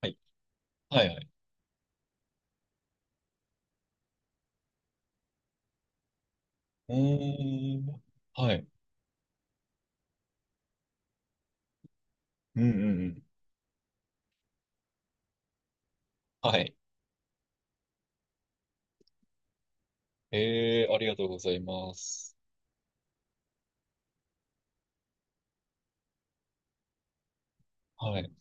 はい。はいはい。うーん。はい。うんうんうん。はい。ありがとうございます。はい。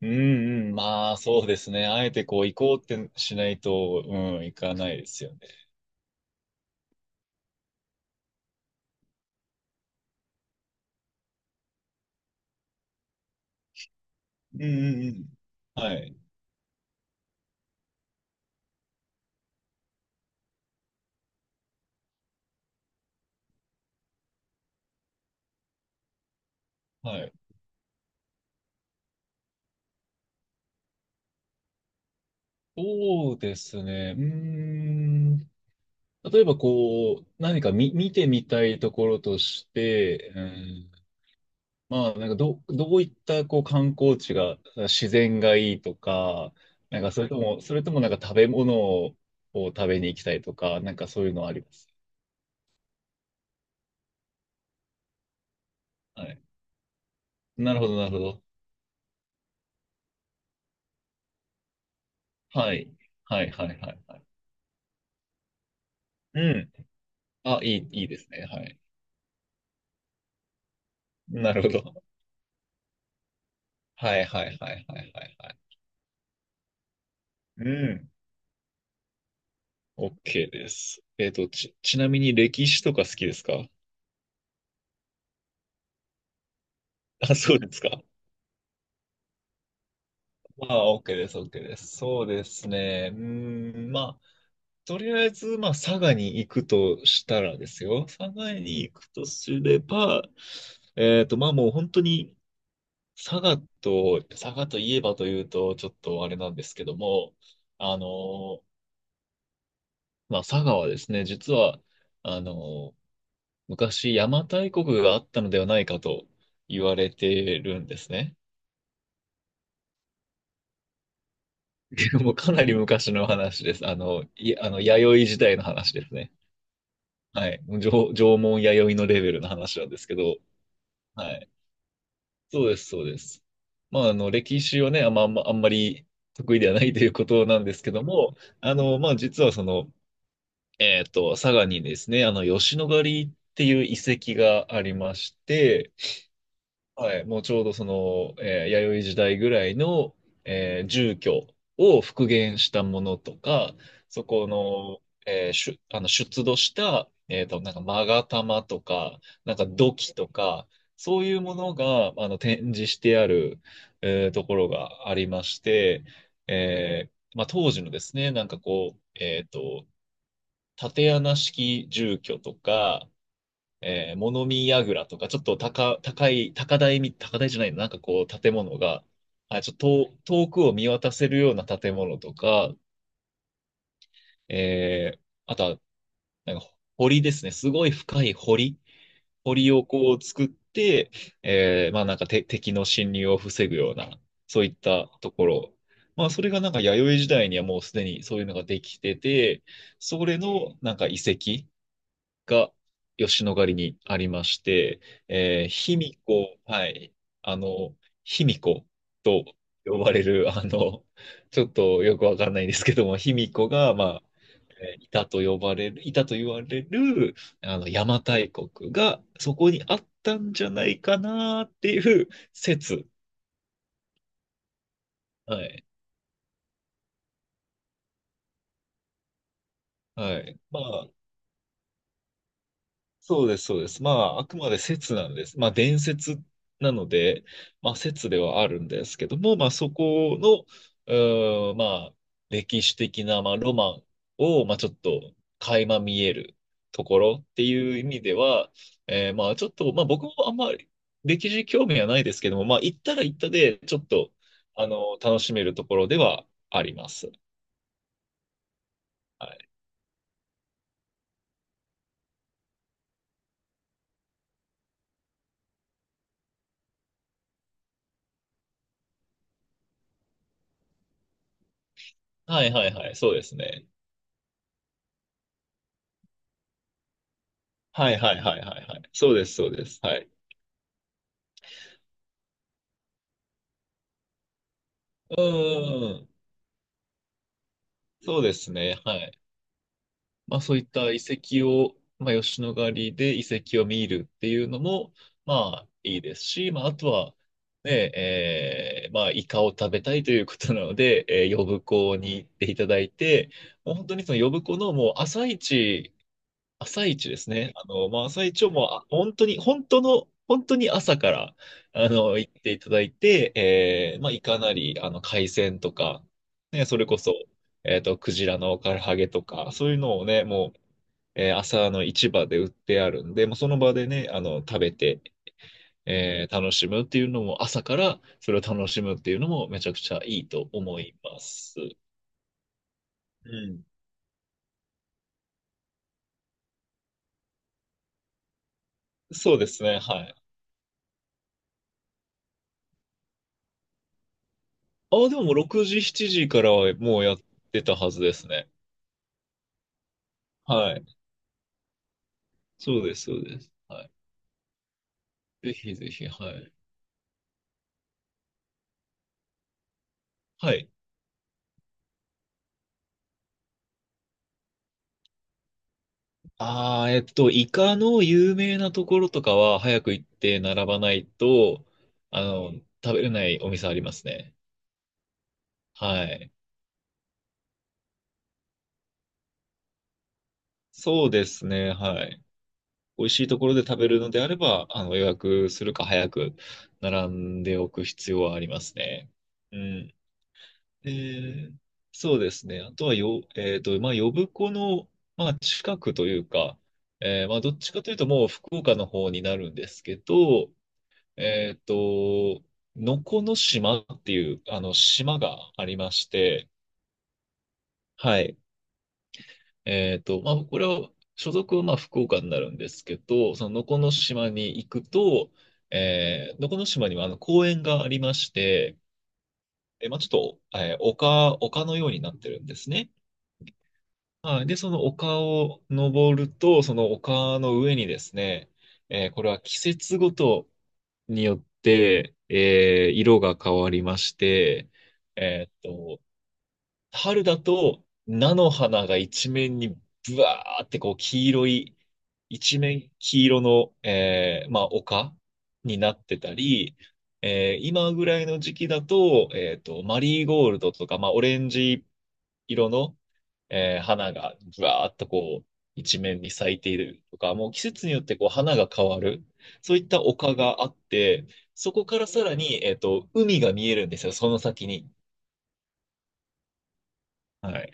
うん。うんうん。まあ、そうですね。あえてこう、行こうってしないと、うん、行かないですよね。うんうんうん。はい。はい。そうですね。うーん。例えば、こう、何か見てみたいところとして、うん。まあ、なんかどういったこう観光地が、自然がいいとか、なんかそれともなんか食べ物を食べに行きたいとか、なんかそういうのあります？はい。なるほど、なるほど。はい。はい、はい、はい、はい。うん。あ、いいですね。はい。なるほど。はい、はい、はい、はい、はい、はい。うん。OK です。ちなみに歴史とか好きですか？あ、そうですか。まあ、OK です、OK です。そうですね。うーん、まあ、とりあえず、まあ、佐賀に行くとしたらですよ。佐賀に行くとすれば、まあもう本当に、佐賀といえばというと、ちょっとあれなんですけども、あの、まあ佐賀はですね、実は、あの、昔邪馬台国があったのではないかと言われてるんですね。もうかなり昔の話です。あの、い、あの、弥生時代の話ですね。はい。もう縄文弥生のレベルの話なんですけど、はい。そうです、そうです。まあ、歴史はね、あんまり得意ではないということなんですけども、まあ、実はその、佐賀にですね、吉野ヶ里っていう遺跡がありまして、はい、もうちょうどその、弥生時代ぐらいの、住居を復元したものとか、そこの、えー出あの出土した、なんか勾玉とか、なんか土器とか、そういうものが展示してある、ところがありまして、まあ、当時のですね、なんかこう、竪穴式住居とか、物見櫓とか、ちょっと高、高い、高台み、高台じゃないの、なんかこう建物が、あ、ちょっと遠くを見渡せるような建物とか、えー、あとは、なんか堀ですね。すごい深い堀。堀をこう作って、まあなんか敵の侵入を防ぐような、そういったところ。まあそれがなんか弥生時代にはもうすでにそういうのができてて、それのなんか遺跡が吉野ヶ里にありまして、卑弥呼、はい、あの、卑弥呼と呼ばれる、ちょっとよくわかんないんですけども、卑弥呼が、まあ、いたと言われる、邪馬台国がそこにあったんじゃないかなっていう説。はい。はい。まあ、そうです、そうです。まあ、あくまで説なんです。まあ、伝説なので、まあ、説ではあるんですけども、まあ、そこの、まあ、歴史的な、まあ、ロマンを、まあ、ちょっと、垣間見えるところっていう意味では、まあ、ちょっと、まあ、僕もあんまり歴史興味はないですけども、まあ、行ったら行ったで、ちょっと、楽しめるところではあります。はい、はい、はい、はい、そうですね。はい、はい、はい、はい、はい。そうです、そうです。はい。うんうんうん。そうですね。はい。まあそういった遺跡を、まあ吉野ヶ里で遺跡を見るっていうのも、まあいいですし、まああとは、ね、まあイカを食べたいということなので、呼子に行っていただいて、もう本当にその呼子のもう朝一ですね。まあ、朝一をもう、本当に朝から、行っていただいて、まあ、いかなり、海鮮とか、ね、それこそ、クジラの唐揚げとか、そういうのをね、もう、朝の市場で売ってあるんで、もうその場でね、食べて、楽しむっていうのも、朝からそれを楽しむっていうのも、めちゃくちゃいいと思います。うん。そうですね、はい。ああ、でももう6時、7時からはもうやってたはずですね。はい。そうです、そうです。はい。ぜひぜひ、はい。はい。ああ、イカの有名なところとかは早く行って並ばないと、あの、食べれないお店ありますね。はい。そうですね、はい。美味しいところで食べるのであれば、予約するか早く並んでおく必要はありますね。うん。えーそうですね。あとはよ、えっと、まあ、呼子の、まあ、近くというか、まあ、どっちかというと、もう福岡の方になるんですけど、えっと、能古の島っていう、島がありまして、はい。まあ、これは、所属はまあ、福岡になるんですけど、その能古の島に行くと、能古の島には、公園がありまして、まあ、ちょっと、丘のようになってるんですね。はい。で、その丘を登ると、その丘の上にですね、これは季節ごとによって、色が変わりまして、えーっと、春だと菜の花が一面にブワーってこう黄色い、一面黄色の、まあ丘になってたり、今ぐらいの時期だと、マリーゴールドとか、まあオレンジ色の、花がぶわーっとこう、一面に咲いているとか、もう季節によってこう花が変わる、そういった丘があって、そこからさらに、海が見えるんですよ、その先に。はい。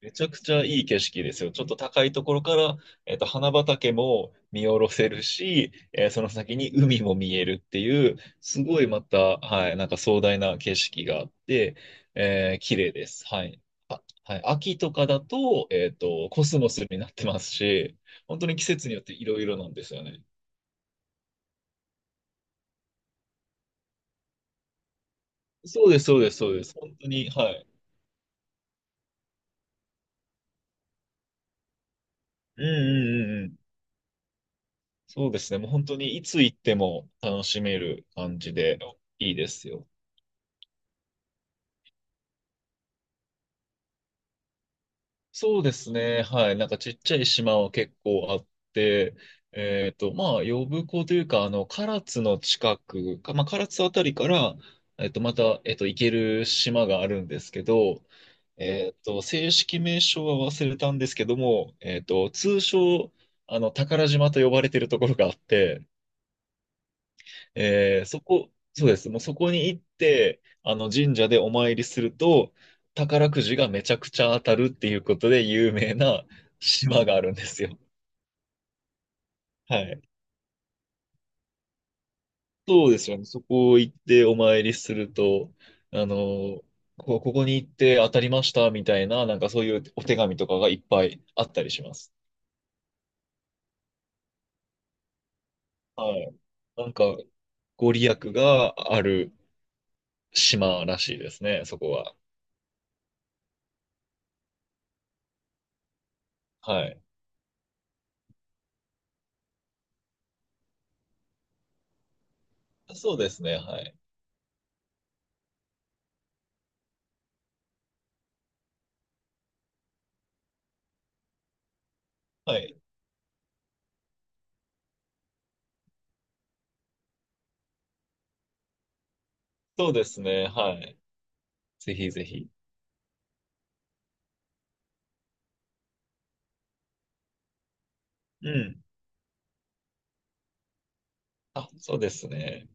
めちゃくちゃいい景色ですよ。ちょっと高いところから、花畑も見下ろせるし、その先に海も見えるっていう、すごいまた、はい、なんか壮大な景色があって、綺麗です。はい。あ、はい。秋とかだと、コスモスになってますし、本当に季節によっていろいろなんですよね。そうです、そうです、そうです。本当に、はい。うんうんうんうん。そうですね。もう本当にいつ行っても楽しめる感じでいいですよ。そうですね。はい。なんかちっちゃい島は結構あって、まあ、呼子というか、唐津の近くか、まあ、唐津あたりから、また、行ける島があるんですけど、正式名称は忘れたんですけども、通称、宝島と呼ばれてるところがあって、そこ、そうです。もうそこに行って、あの神社でお参りすると、宝くじがめちゃくちゃ当たるっていうことで有名な島があるんですよ。はい。そうですよね。そこ行ってお参りすると、あの、ここに行って当たりましたみたいな、なんかそういうお手紙とかがいっぱいあったりします。はい。なんか、ご利益がある島らしいですね、そこは。はい。そうですね、はい。はい。そうですね、はい。ぜひぜひ。うん。あ、そうですね。